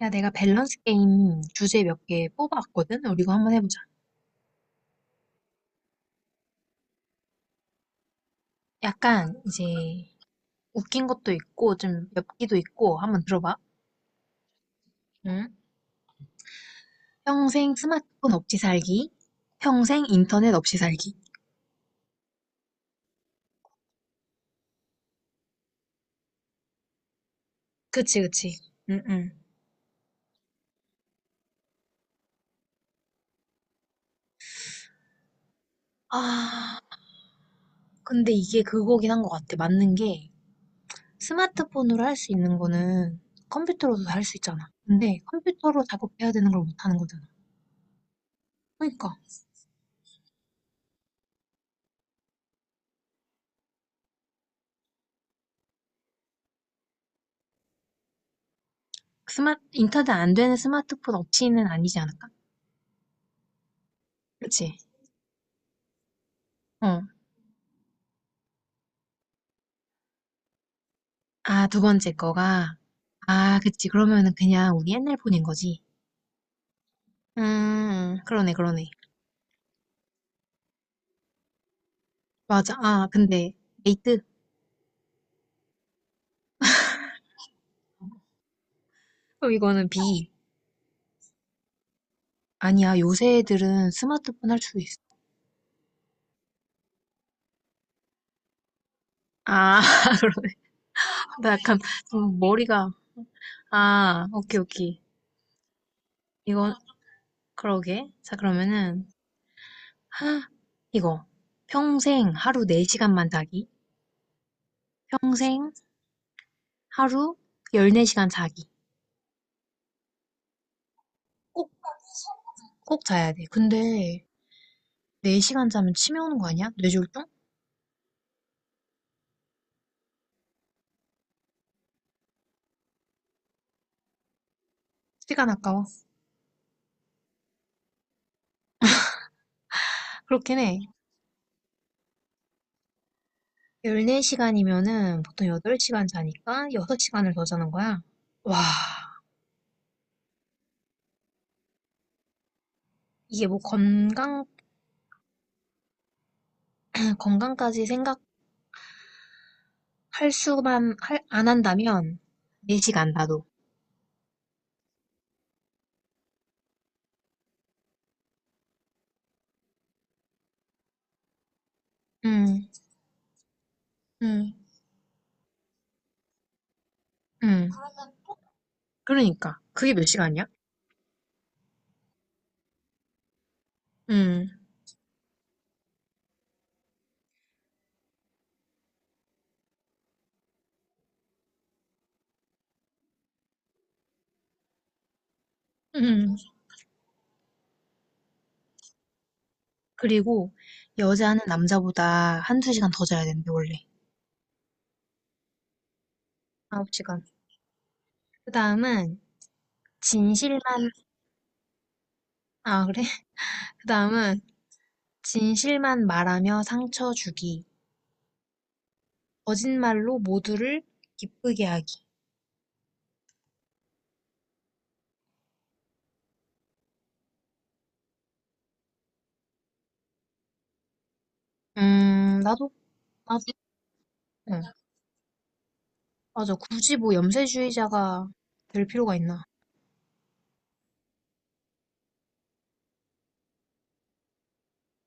야, 내가 밸런스 게임 주제 몇 개 뽑아왔거든? 우리 이거 한번 해보자. 약간 이제 웃긴 것도 있고 좀 엽기도 있고 한번 들어봐. 응? 평생 스마트폰 없이 살기, 평생 인터넷 없이 살기. 그치, 그치. 응, 응. 아, 근데 이게 그거긴 한 것 같아. 맞는 게 스마트폰으로 할 수 있는 거는 컴퓨터로도 할 수 있잖아. 근데 컴퓨터로 작업해야 되는 걸 못 하는 거잖아. 그러니까 스마 인터넷 안 되는 스마트폰 없이는 아니지 않을까? 그치? 어. 아, 두 번째 거가. 아, 그치. 그러면은 그냥 우리 옛날 폰인 거지. 음. 그러네, 그러네. 맞아. 아, 근데 에이트? 그럼 이거는 B. 아니야. 요새 애들은 스마트폰 할 수도 있어. 아, 그러네. 나 약간 좀 머리가 아, 오케이, 오케이. 이건 그러게. 자, 그러면은 하! 이거. 평생 하루 4 시간만 자기. 평생 하루 14 시간 자기. 꼭 꼭 자야 돼. 근데 네 시간 자면 치매 오는 거 아니야? 뇌졸중? 시간 아까워. 그렇긴 해. 14시간이면은 보통 8시간 자니까 6시간을 더 자는 거야. 와, 이게 뭐 건강, 건강까지 생각할 수만, 안 한다면 4시간 나도. 음, 음, 음. 그러니까. 그게 몇 시간이야? 음, 음. 그리고 여자는 남자보다 한두 시간 더 자야 되는데, 원래. 9시간. 그 다음은 진실만, 아, 그래? 그 다음은 진실만 말하며 상처 주기. 거짓말로 모두를 기쁘게 하기. 나도, 나도, 응. 맞아. 굳이 뭐 염세주의자가 될 필요가 있나.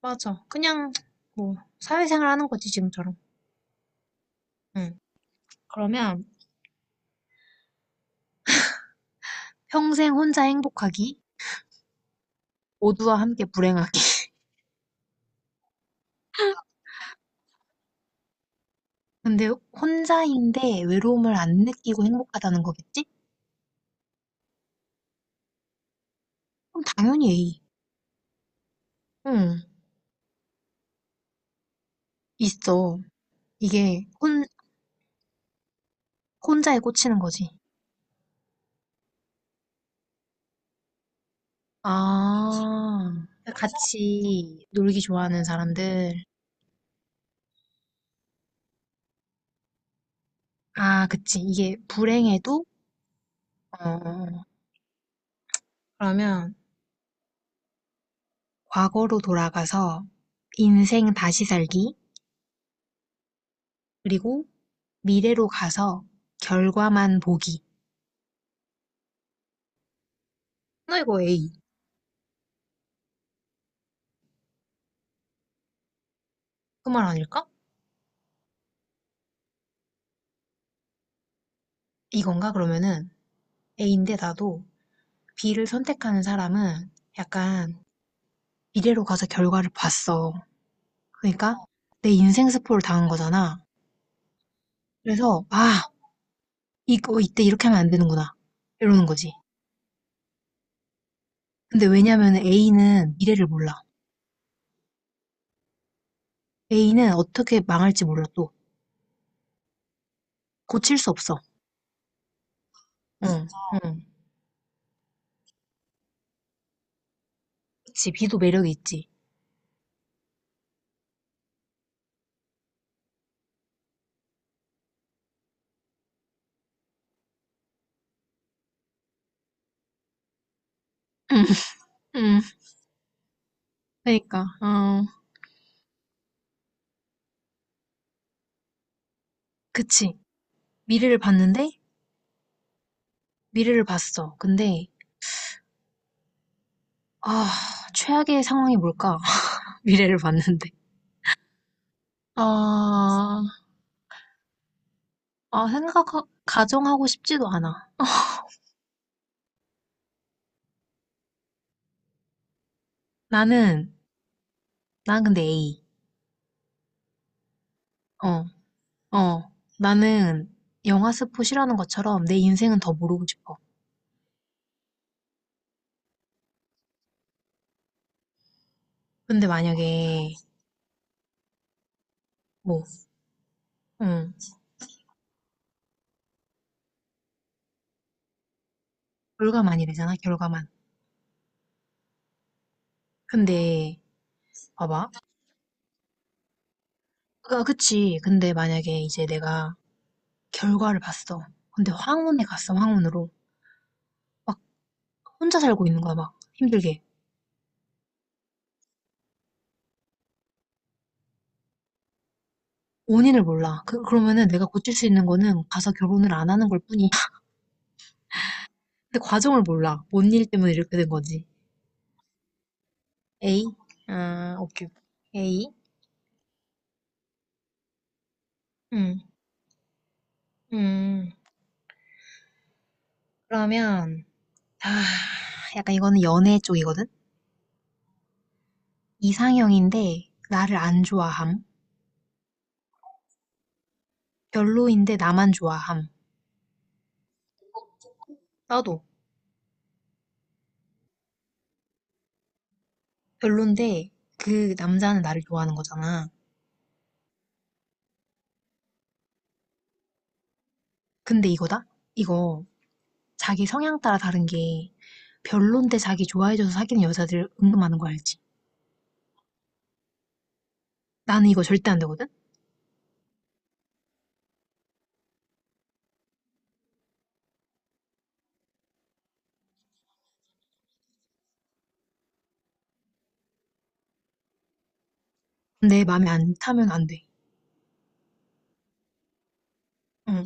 맞아. 그냥, 뭐, 사회생활 하는 거지, 지금처럼. 응. 그러면, 평생 혼자 행복하기. 모두와 함께 불행하기. 근데 혼자인데 외로움을 안 느끼고 행복하다는 거겠지? 그럼 당연히, A. 응, 있어. 이게 혼자에 꽂히는 거지. 아, 그러니까 같이 놀기 좋아하는 사람들. 아, 그치. 이게 불행해도, 어, 그러면 과거로 돌아가서 인생 다시 살기, 그리고 미래로 가서 결과만 보기. 나 이거 A. 그 말 아닐까? 이건가? 그러면은 A인데 나도 B를 선택하는 사람은 약간 미래로 가서 결과를 봤어. 그러니까 내 인생 스포를 당한 거잖아. 그래서, 아, 이거 이때 이렇게 하면 안 되는구나 이러는 거지. 근데 왜냐면 A는 미래를 몰라. A는 어떻게 망할지 몰라 또 고칠 수 없어. 응, 응. 그치, B도 매력이 있지. 응, 응. 그러니까 어, 그치. 미래를 봤는데 미래를 봤어. 근데 아, 최악의 상황이 뭘까? 미래를 봤는데, 아, 아 생각 가정하고 싶지도 않아. 나는 난 근데 A. 어, 어, 나는 영화 스포 싫어하는 것처럼 내 인생은 더 모르고 싶어. 근데 만약에, 뭐, 응, 결과만이 되잖아, 결과만. 근데, 봐봐. 아, 그치. 근데 만약에 이제 내가 결과를 봤어. 근데 황혼에 갔어, 황혼으로. 막 혼자 살고 있는 거야, 막 힘들게. 원인을 몰라. 그러면은 내가 고칠 수 있는 거는 가서 결혼을 안 하는 걸 뿐이야. 근데 과정을 몰라. 뭔 일 때문에 이렇게 된 거지. 에이? 아, 오케이. 에이? 응. 음, 그러면, 아, 약간 이거는 연애 쪽이거든? 이상형인데 나를 안 좋아함. 별로인데 나만 좋아함. 나도. 별론데 그 남자는 나를 좋아하는 거잖아. 근데 이거다? 이거 자기 성향 따라 다른 게, 별론데 자기 좋아해줘서 사귀는 여자들 은근 많은 거 알지? 나는 이거 절대 안 되거든? 내 마음에 안 타면 안 돼. 응.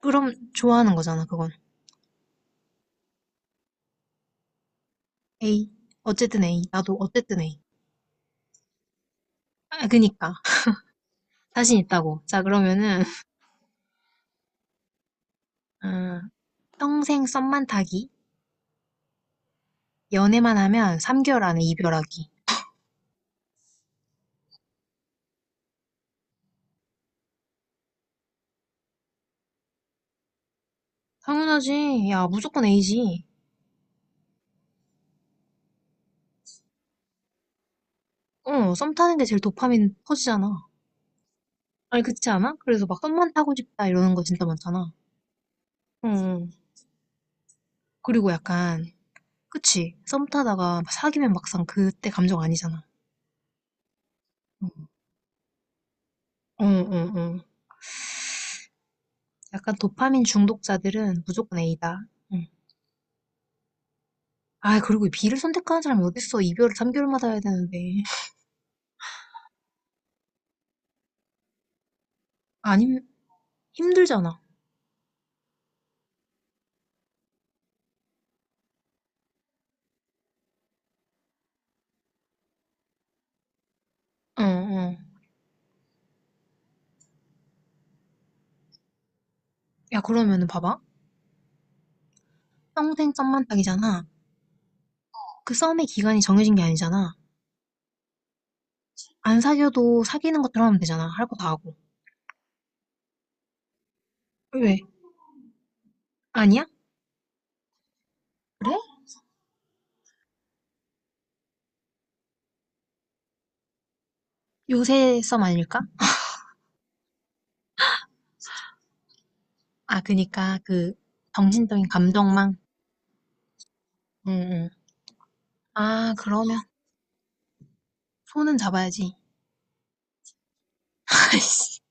그럼 좋아하는 거잖아, 그건. A. 어쨌든 A. 나도 어쨌든 A. 아, 그니까. 자신 있다고. 자, 그러면은, 아, 평생 썸만 타기. 연애만 하면 3개월 안에 이별하기. 당연하지. 야, 무조건 A지. 어, 썸 타는 게 제일 도파민 터지잖아. 아니, 그렇지 않아? 그래서 막 썸만 타고 싶다 이러는 거 진짜 많잖아. 응. 그리고 약간, 그치? 썸 타다가 막 사귀면 막상 그때 감정 아니잖아. 응, 응, 응. 응. 약간 도파민 중독자들은 무조건 A다. 응. 아, 그리고 B를 선택하는 사람이 어딨어. 이별을 3개월마다 해야 되는데. 아님, 힘들잖아. 응, 응. 야, 그러면은 봐봐. 평생 썸만 딱이잖아. 그 썸의 기간이 정해진 게 아니잖아. 안 사귀어도 사귀는 것처럼 하면 되잖아. 할 거 다 하고. 왜? 아니야? 그래? 요새 썸 아닐까? 아, 그니까 그 정신적인 감정망. 응, 응. 아, 그러면 손은 잡아야지. 아이씨,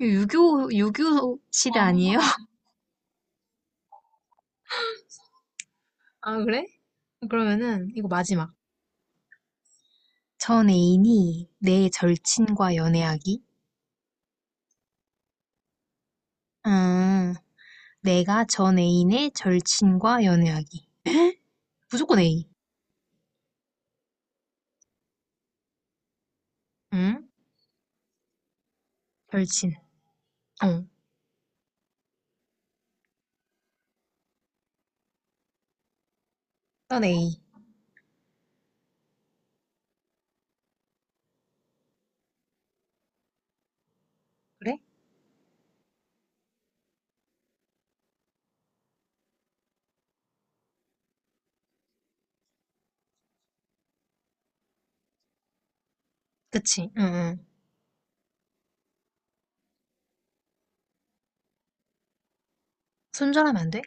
이거 유교, 유교 시대 아니에요? 아, 그래? 그러면은, 이거 마지막. 전 애인이 내 절친과 연애하기. 음, 내가 전 애인의 절친과 연애하기. 무조건 A. 응? 절친. 어. 넌 A. 그래? 그치. 응, 응. 손절하면 안 돼?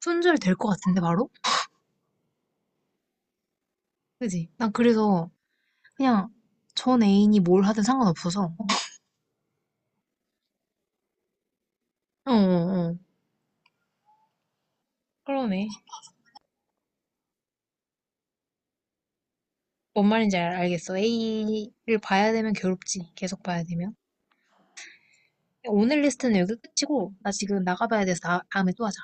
손절 될 것 같은데, 바로? 그지? 난 그래서 그냥 전 애인이 뭘 하든 상관없어서. 어, 어, 어. 그러네. 뭔 말인지 알겠어. A를 봐야 되면 괴롭지. 계속 봐야 되면. 오늘 리스트는 여기 끝이고, 나 지금 나가봐야 돼서 다음에 또 하자.